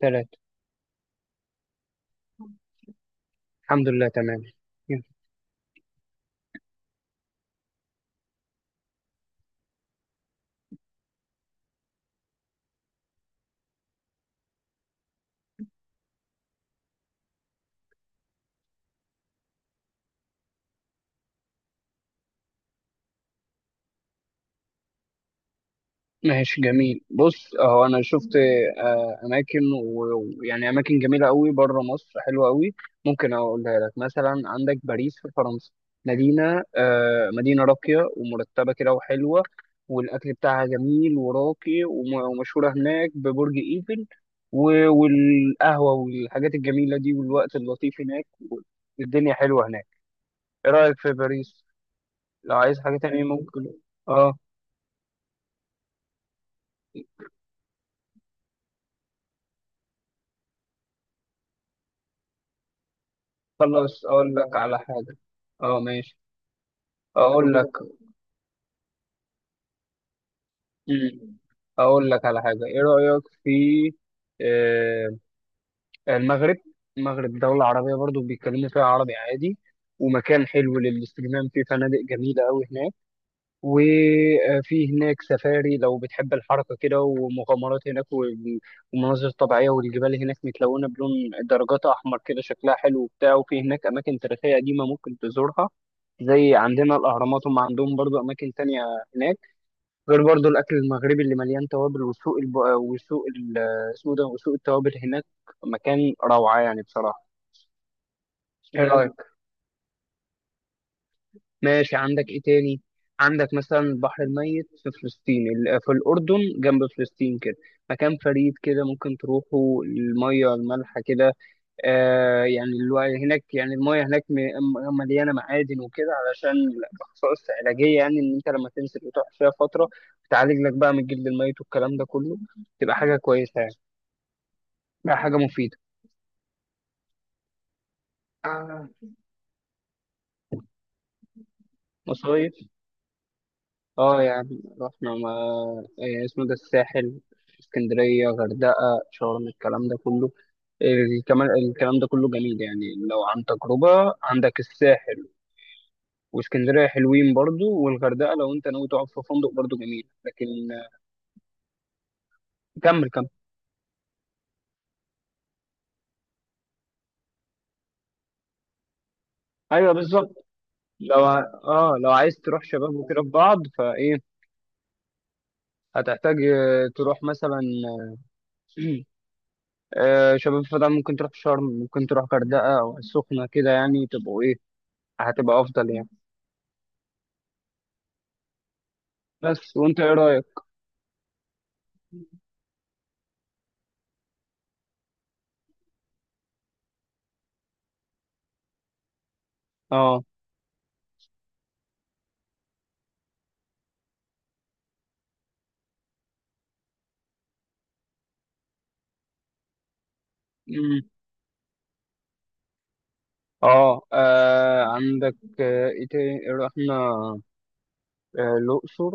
ثلاثة. الحمد لله، تمام. ماشي، جميل. بص اهو انا شفت اماكن. و- ويعني اماكن جميله قوي بره مصر، حلوه قوي. ممكن اقولها لك. مثلا عندك باريس في فرنسا. مدينه راقيه ومرتبه كده وحلوه. والاكل بتاعها جميل وراقي، وم- ومشهوره هناك ببرج ايفل، و- والقهوه والحاجات الجميله دي، والوقت اللطيف هناك، والدنيا حلوه هناك. ايه رايك في باريس؟ لو عايز حاجه تانية ممكن. اه، خلاص اقول لك على حاجه. اه ماشي. اقول لك. مم. اقول لك على حاجه. ايه رايك في آه، المغرب؟ المغرب دوله عربيه برضو، بيتكلموا فيها عربي عادي، ومكان حلو للاستجمام، فيه فنادق جميله قوي هناك. وفي هناك سفاري لو بتحب الحركه كده، ومغامرات هناك، ومناظر طبيعيه، والجبال هناك متلونه بلون درجات احمر كده، شكلها حلو وبتاع. وفي هناك اماكن تاريخيه قديمه ممكن تزورها، زي عندنا الأهرامات، هم عندهم برضو أماكن تانية هناك. غير برضو الأكل المغربي اللي مليان توابل، وسوق الب... وسوق ال... اسمه ده، وسوق التوابل هناك. مكان روعة يعني بصراحة. إيه رأيك؟ ماشي، عندك إيه تاني؟ عندك مثلا البحر الميت في فلسطين، في الأردن جنب فلسطين كده، مكان فريد كده، ممكن تروحوا. المية المالحة كده، آه يعني الوعي هناك، يعني المايه هناك مليانه معادن وكده، علشان الخصائص علاجيه، يعني ان انت لما تنزل وتقعد فيها فتره بتعالج لك بقى من الجلد الميت والكلام ده كله. تبقى حاجه كويسه يعني، بقى حاجه مفيده. آه، مصايف. اه يعني رحنا، ما اسمه ده، الساحل، اسكندريه، غردقه، شرم، الكلام ده كله. الكلام الكلام ده كله جميل يعني، لو عن تجربه. عندك الساحل واسكندريه حلوين برضو، والغردقه لو انت ناوي تقعد في فندق برضو جميل. لكن كمل كمل. ايوه بالظبط. اه لو عايز تروح شباب وكده في بعض، فايه هتحتاج تروح مثلا، شباب. فده ممكن تروح شرم، ممكن تروح غردقه او السخنه كده، يعني تبقوا ايه، هتبقى افضل يعني. بس وانت ايه رايك؟ اه، مم، اه، عندك ايه تاني. رحنا الاقصر.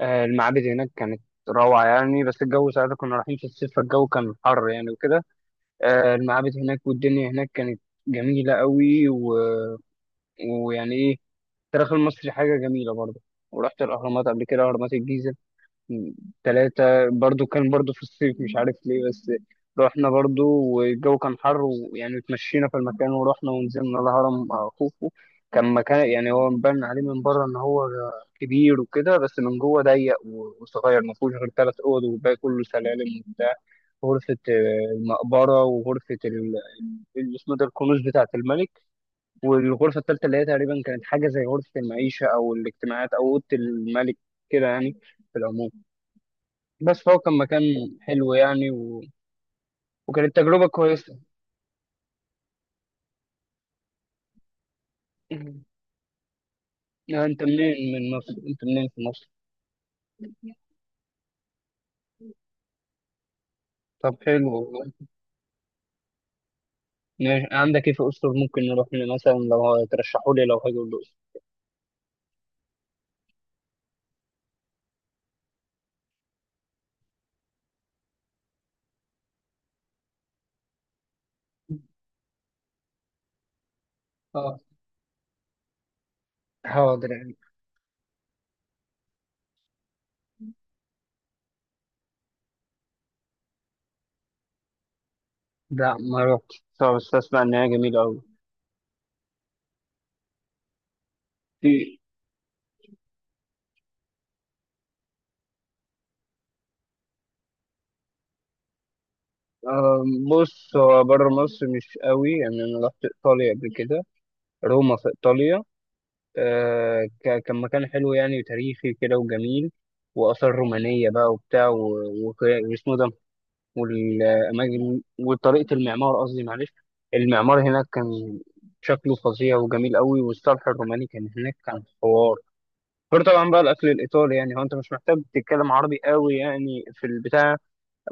المعابد هناك كانت روعة يعني، بس الجو ساعتها كنا رايحين في الصيف، فالجو كان حر يعني وكده. المعابد هناك والدنيا هناك كانت جميلة قوي. و... ويعني ايه، التاريخ المصري حاجة جميلة برضه. ورحت الأهرامات قبل كده، أهرامات الجيزة ثلاثة. برضو كان برضو في الصيف، مش عارف ليه بس. رحنا برضو والجو كان حر، ويعني اتمشينا في المكان، ورحنا ونزلنا الهرم مع خوفو. كان مكان يعني هو مبان عليه من بره ان هو كبير وكده، بس من جوه ضيق وصغير، ما فيهوش غير ثلاث اوض، والباقي كله سلالم وبتاع. غرفة المقبرة، وغرفة اللي اسمه ده الكنوز بتاعة الملك، والغرفة الثالثة اللي هي تقريبا كانت حاجة زي غرفة المعيشة او الاجتماعات او اوضة الملك كده يعني. في العموم، بس فهو كان مكان حلو يعني، و... وكانت تجربة كويسة. يعني أنت منين من مصر؟ أنت منين في مصر؟ طب حلو والله. ماشي. عندك إيه في أسطر ممكن نروح له مثلا لو ترشحوا لي، لو هاجي الأقصر؟ آه، حاضر يعني. لا، ما رحتش، طب بس أسمع إن هي جميلة أوي. في آه، بص، هو بره مصر مش قوي يعني. أنا رحت إيطاليا قبل كده، روما في إيطاليا. آه كان مكان حلو يعني، وتاريخي كده وجميل، وآثار رومانية بقى وبتاع واسمه ده، والأماكن وطريقة المعمار. قصدي معلش، المعمار هناك كان شكله فظيع وجميل قوي، والصرح الروماني كان هناك، كان حوار. غير طبعا بقى الأكل الإيطالي، يعني هو أنت مش محتاج تتكلم عربي قوي يعني في البتاع.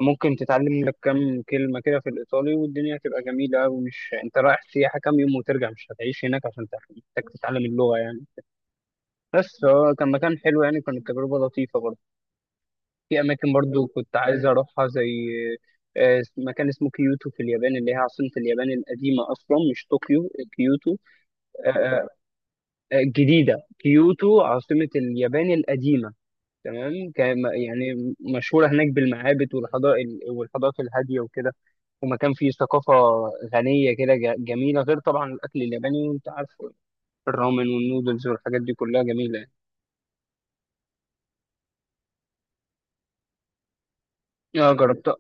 ممكن تتعلم لك كام كلمة كده في الإيطالي والدنيا هتبقى جميلة، ومش أنت رايح سياحة كام يوم وترجع، مش هتعيش هناك عشان محتاج تتعلم اللغة يعني. بس هو كان مكان حلو يعني، كانت تجربة لطيفة برضه. في أماكن برضو كنت عايز أروحها، زي مكان اسمه كيوتو في اليابان، اللي هي عاصمة اليابان القديمة أصلا، مش طوكيو، كيوتو. آه، الجديدة كيوتو عاصمة اليابان القديمة. تمام. كان- يعني مشهورة هناك بالمعابد والحضارة، والحضارات الهادية وكده. ومكان فيه ثقافة غنية كده، جميلة. غير طبعا الأكل الياباني، وأنت عارف الرامن والنودلز والحاجات دي كلها جميلة يعني. اه جربتها.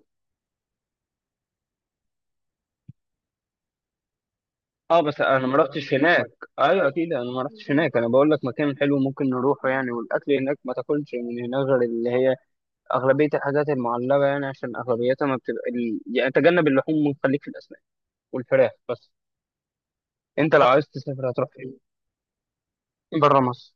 اه بس انا ما رحتش هناك. ايوه اكيد، انا ما رحتش هناك، انا بقول لك مكان حلو ممكن نروحه يعني. والاكل هناك ما تاكلش من هناك غير اللي هي اغلبيه الحاجات المعلبه يعني، عشان اغلبيتها ما بتبقى يعني تجنب اللحوم وخليك في الاسماك والفراخ بس. انت لو عايز تسافر هتروح فين بره مصر؟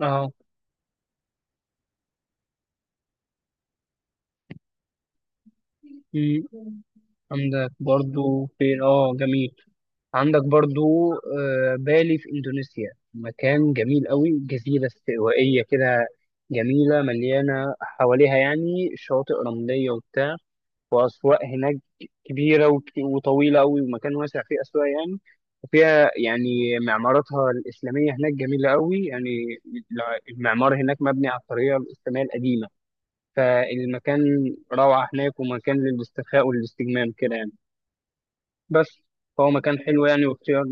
اه. أمم، عندك برضو فين؟ اه جميل. عندك برضو بالي في إندونيسيا، مكان جميل قوي، جزيرة استوائية كده جميلة، مليانة حواليها يعني شواطئ رملية وبتاع، وأسواق هناك كبيرة وطويلة قوي، ومكان واسع فيه أسواق يعني. وفيها يعني معماراتها الإسلامية هناك جميلة قوي يعني، المعمار هناك مبني على الطريقة الإسلامية القديمة. فالمكان روعة هناك، ومكان للاسترخاء والاستجمام كده يعني، بس. فهو مكان حلو يعني واختيار.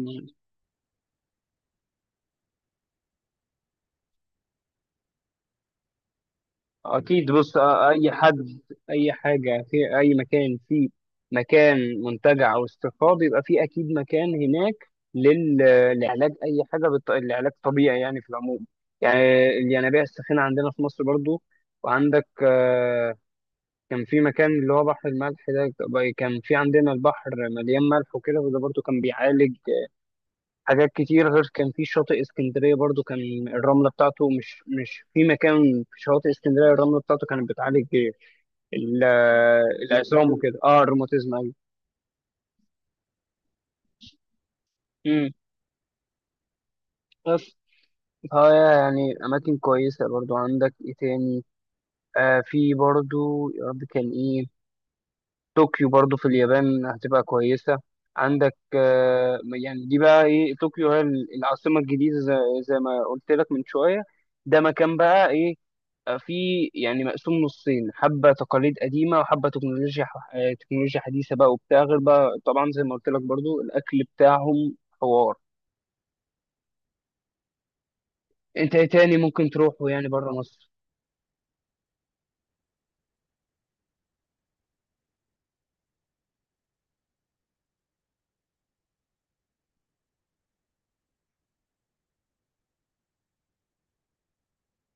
اكيد، بص اي حد، اي حاجه في اي مكان في مكان منتجع او استشفاء، بيبقى في اكيد مكان هناك لل- لعلاج اي حاجه العلاج طبيعي يعني في العموم. يعني الينابيع الساخنه عندنا في مصر برضو. وعندك كان في مكان اللي هو بحر الملح ده، كان في عندنا البحر مليان ملح وكده، وده برضو كان بيعالج حاجات كتير. غير كان في شاطئ اسكندرية برضو، كان الرملة بتاعته مش في مكان في شواطئ اسكندرية، الرملة بتاعته كانت بتعالج العظام، الروماتيزم وكده، اه الروماتيزم ايوه. امم. بس فهي يعني أماكن كويسة برضو. عندك ايه تاني؟ آه، في برضو، يا رب كان ايه، طوكيو برضو في اليابان هتبقى كويسة. عندك آه يعني دي بقى ايه، طوكيو هي العاصمة الجديدة، زي ما قلت لك من شوية. ده مكان بقى ايه، في يعني مقسوم نصين، حبة تقاليد قديمة وحبة تكنولوجيا، تكنولوجيا حديثة بقى وبتاع. غير بقى طبعا زي ما قلت لك برضو، الأكل بتاعهم حوار. أنت إيه تاني ممكن تروحه يعني بره مصر؟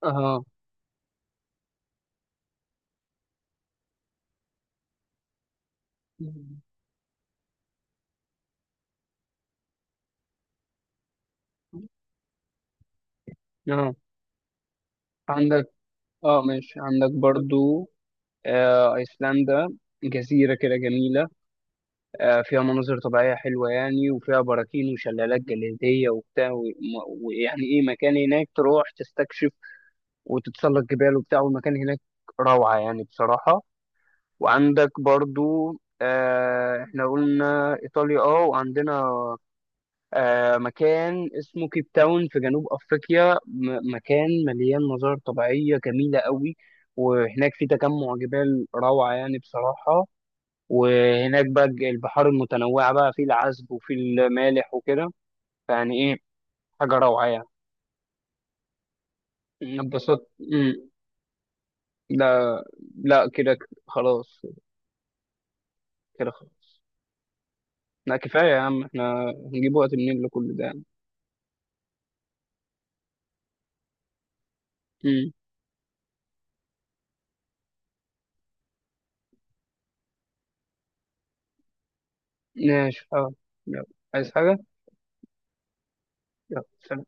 أها. أه. عندك أه ماشي، عندك برضو آه أيسلندا، جزيرة كده جميلة، آه فيها مناظر طبيعية حلوة يعني، وفيها براكين وشلالات جليدية وبتاع ويعني إيه، مكان هناك تروح تستكشف وتتسلق جبال وبتاع، والمكان هناك روعة يعني بصراحة. وعندك برضو آه، احنا قلنا إيطاليا، اه وعندنا آه مكان اسمه كيب تاون في جنوب أفريقيا، مكان مليان مظاهر طبيعية جميلة قوي، وهناك في تجمع جبال روعة يعني بصراحة. وهناك بقى البحار المتنوعة بقى، في العذب وفي المالح وكده، فيعني ايه، حاجة روعة يعني. اتبسطت. مم. لا. لا كده، خلاص. كده خلاص. لا كفاية يا عم، احنا هنجيب وقت منين لكل ده يعني. امم. ماشي. اه. يلا، عايز حاجة؟ يلا سلام.